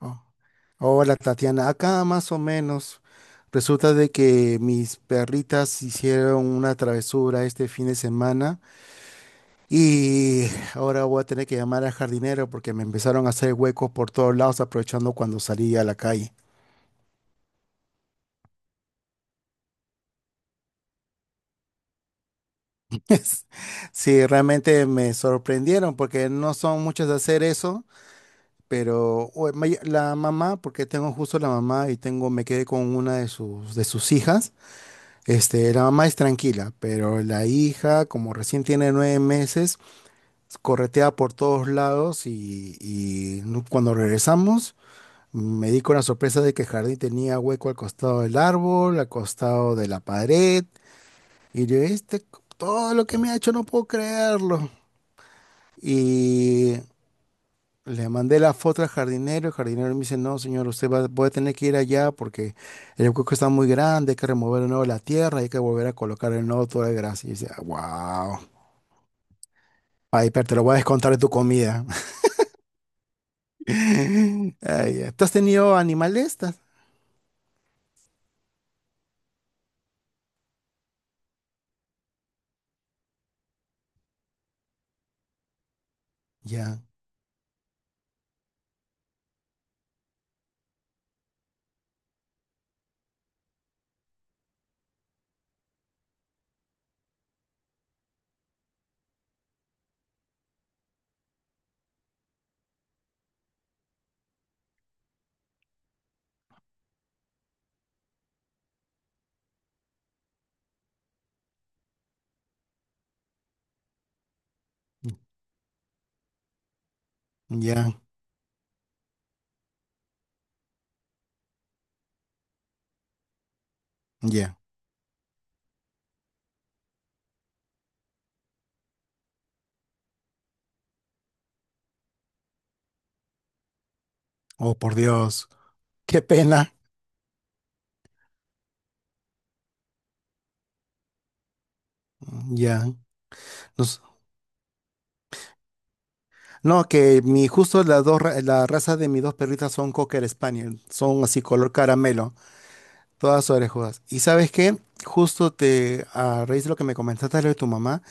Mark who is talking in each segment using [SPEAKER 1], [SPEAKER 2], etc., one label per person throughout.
[SPEAKER 1] Oh, hola Tatiana, acá más o menos. Resulta de que mis perritas hicieron una travesura este fin de semana y ahora voy a tener que llamar al jardinero porque me empezaron a hacer huecos por todos lados aprovechando cuando salí a la calle. Es- Sí, realmente me sorprendieron porque no son muchas de hacer eso, pero la mamá, porque tengo justo la mamá y me quedé con una de de sus hijas. La mamá es tranquila, pero la hija, como recién tiene 9 meses, corretea por todos lados y cuando regresamos me di con la sorpresa de que el jardín tenía hueco al costado del árbol, al costado de la pared, y yo, todo lo que me ha hecho no puedo creerlo. Y Le mandé la foto al jardinero, el jardinero me dice, no, señor, voy a tener que ir allá porque el hueco está muy grande, hay que remover de nuevo la tierra, hay que volver a colocar el nuevo toda de grasa. Y yo decía, wow, ay, pero te lo voy a descontar de tu comida. Ay, ya. ¿Tú has tenido animales? Ya, ya, ya. Oh, por Dios, qué pena. Ya. Nos- No, que justo las dos, la raza de mis dos perritas son Cocker Spaniel, son así color caramelo. Todas orejudas. ¿Y sabes qué? A raíz de lo que me comentaste de tu mamá,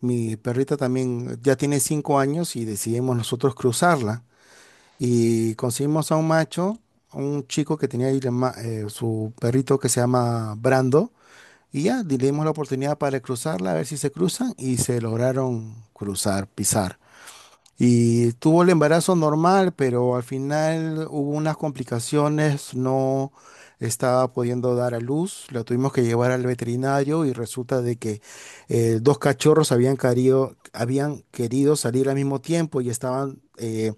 [SPEAKER 1] mi perrita también ya tiene 5 años y decidimos nosotros cruzarla. Y conseguimos a un macho, a un chico que tenía ahí su perrito que se llama Brando. Y ya le dimos la oportunidad para cruzarla, a ver si se cruzan. Y se lograron cruzar, pisar. Y tuvo el embarazo normal, pero al final hubo unas complicaciones, no estaba pudiendo dar a luz, la tuvimos que llevar al veterinario y resulta de que dos cachorros habían querido salir al mismo tiempo y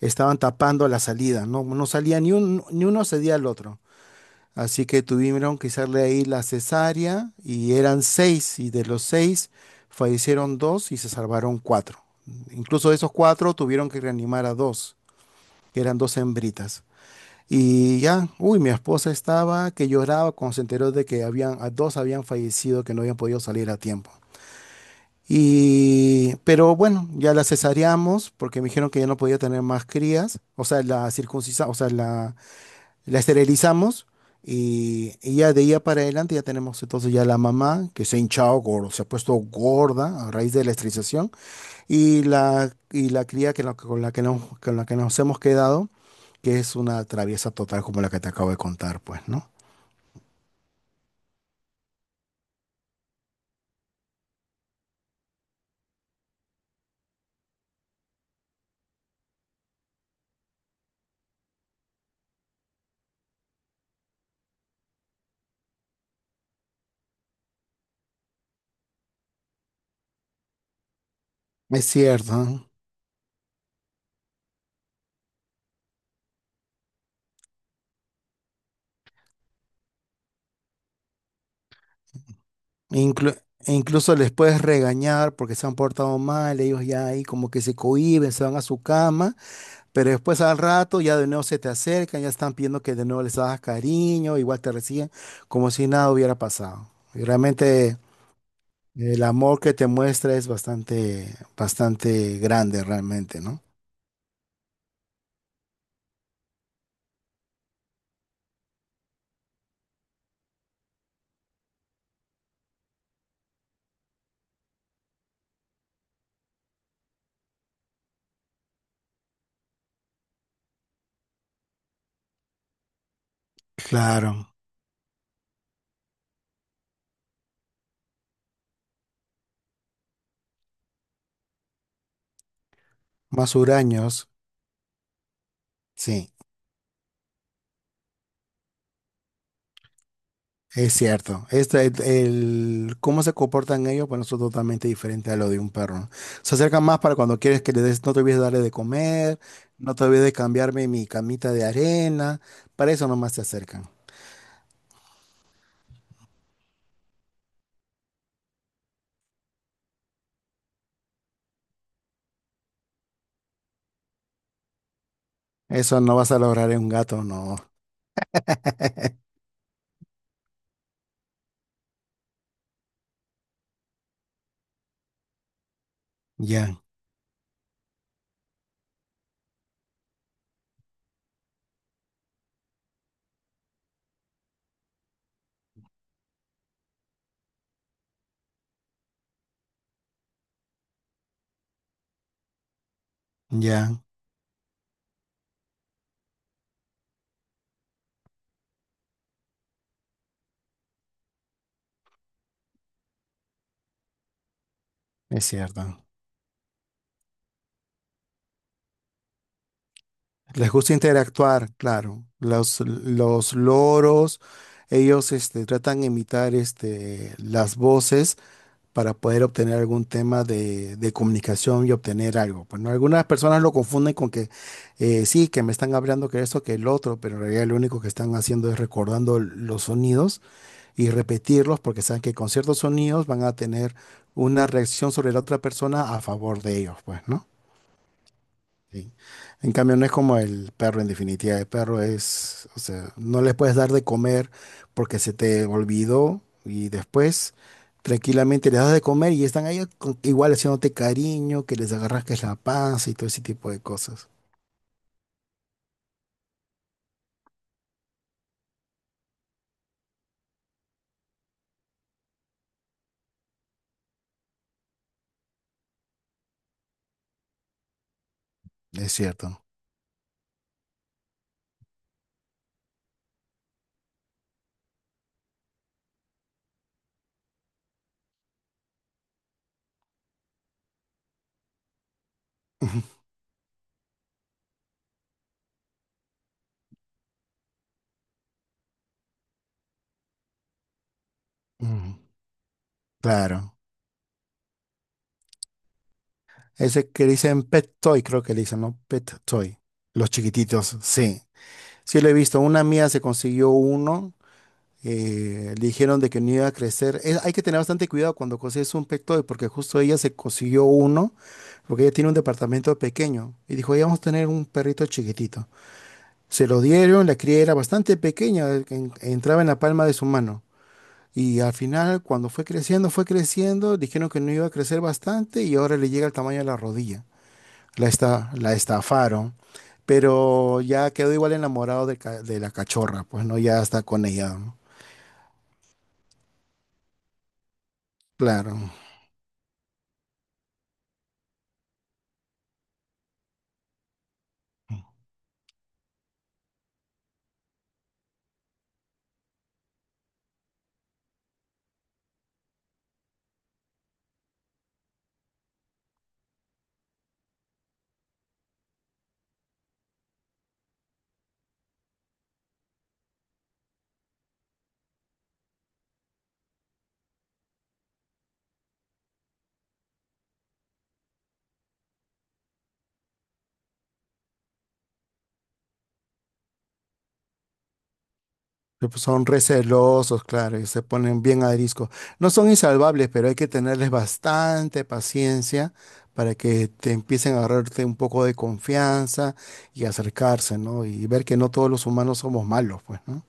[SPEAKER 1] estaban tapando la salida, no, no salía ni uno cedía al otro. Así que tuvieron que hacerle ahí la cesárea y eran seis y de los seis fallecieron dos y se salvaron cuatro. Incluso de esos cuatro tuvieron que reanimar a dos, que eran dos hembritas. Y ya, uy, mi esposa estaba que lloraba cuando se enteró de que a dos habían fallecido, que no habían podido salir a tiempo. Y, pero bueno, ya la cesareamos porque me dijeron que ya no podía tener más crías, o sea, la circuncisión, la esterilizamos y ya de ella para adelante ya tenemos entonces ya la mamá que se ha hinchado, gordo, se ha puesto gorda a raíz de la esterilización y y la cría que con la que con la que nos hemos quedado, que es una traviesa total como la que te acabo de contar, pues, ¿no? Es cierto, ¿no? Inclu- e incluso les puedes regañar porque se han portado mal, ellos ya ahí como que se cohíben, se van a su cama. Pero después al rato ya de nuevo se te acercan, ya están pidiendo que de nuevo les hagas cariño, igual te reciben, como si nada hubiera pasado. Y realmente el amor que te muestra es bastante, bastante grande realmente, ¿no? Claro, más huraños, sí, es cierto. Este, cómo se comportan ellos, bueno, eso es totalmente diferente a lo de un perro, ¿no? Se acercan más para cuando quieres que le des, no te olvides de darle de comer, no te olvides de cambiarme mi camita de arena, para eso nomás se acercan. Eso no vas a lograr en un gato, no. Ya, ya, es cierto. Les gusta interactuar, claro. Los loros, ellos tratan de imitar las voces para poder obtener algún tema de comunicación y obtener algo. Bueno, algunas personas lo confunden con que sí, que me están hablando que esto, que el otro, pero en realidad lo único que están haciendo es recordando los sonidos y repetirlos porque saben que con ciertos sonidos van a tener una reacción sobre la otra persona a favor de ellos, pues, ¿no? Sí. En cambio, no es como el perro en definitiva. El perro es, o sea, no le puedes dar de comer porque se te olvidó y después tranquilamente les das de comer y están ahí igual haciéndote cariño, que les agarras que es la panza y todo ese tipo de cosas. Es cierto. Ujú. Claro. Ese que le dicen Pet Toy, creo que le dicen, ¿no? Pet Toy. Los chiquititos, sí. Sí lo he visto. Una mía se consiguió uno. Eh, le dijeron de que no iba a crecer. Hay que tener bastante cuidado cuando consigues un Pet Toy, porque justo ella se consiguió uno, porque ella tiene un departamento pequeño. Y dijo, ya vamos a tener un perrito chiquitito. Se lo dieron, la cría era bastante pequeña, entraba en la palma de su mano. Y al final, cuando fue creciendo, dijeron que no iba a crecer bastante y ahora le llega al tamaño de la rodilla. La estafaron, pero ya quedó igual enamorado de, de la cachorra, pues no, ya está con ella, ¿no? Claro. Pero, pues, son recelosos, claro, y se ponen bien ariscos. No son insalvables, pero hay que tenerles bastante paciencia para que te empiecen a agarrarte un poco de confianza y acercarse, ¿no? Y ver que no todos los humanos somos malos, pues, ¿no?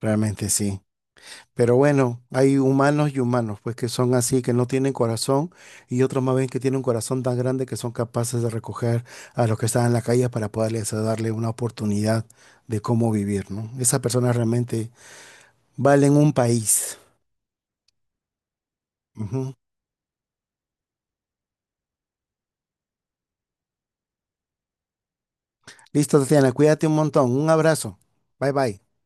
[SPEAKER 1] Realmente sí. Pero bueno, hay humanos y humanos, pues que son así, que no tienen corazón, y otros más bien que tienen un corazón tan grande que son capaces de recoger a los que están en la calle para poderles darle una oportunidad de cómo vivir, ¿no? Esas personas realmente valen un país. Ujú. Listo, Tatiana, cuídate un montón. Un abrazo. Bye bye.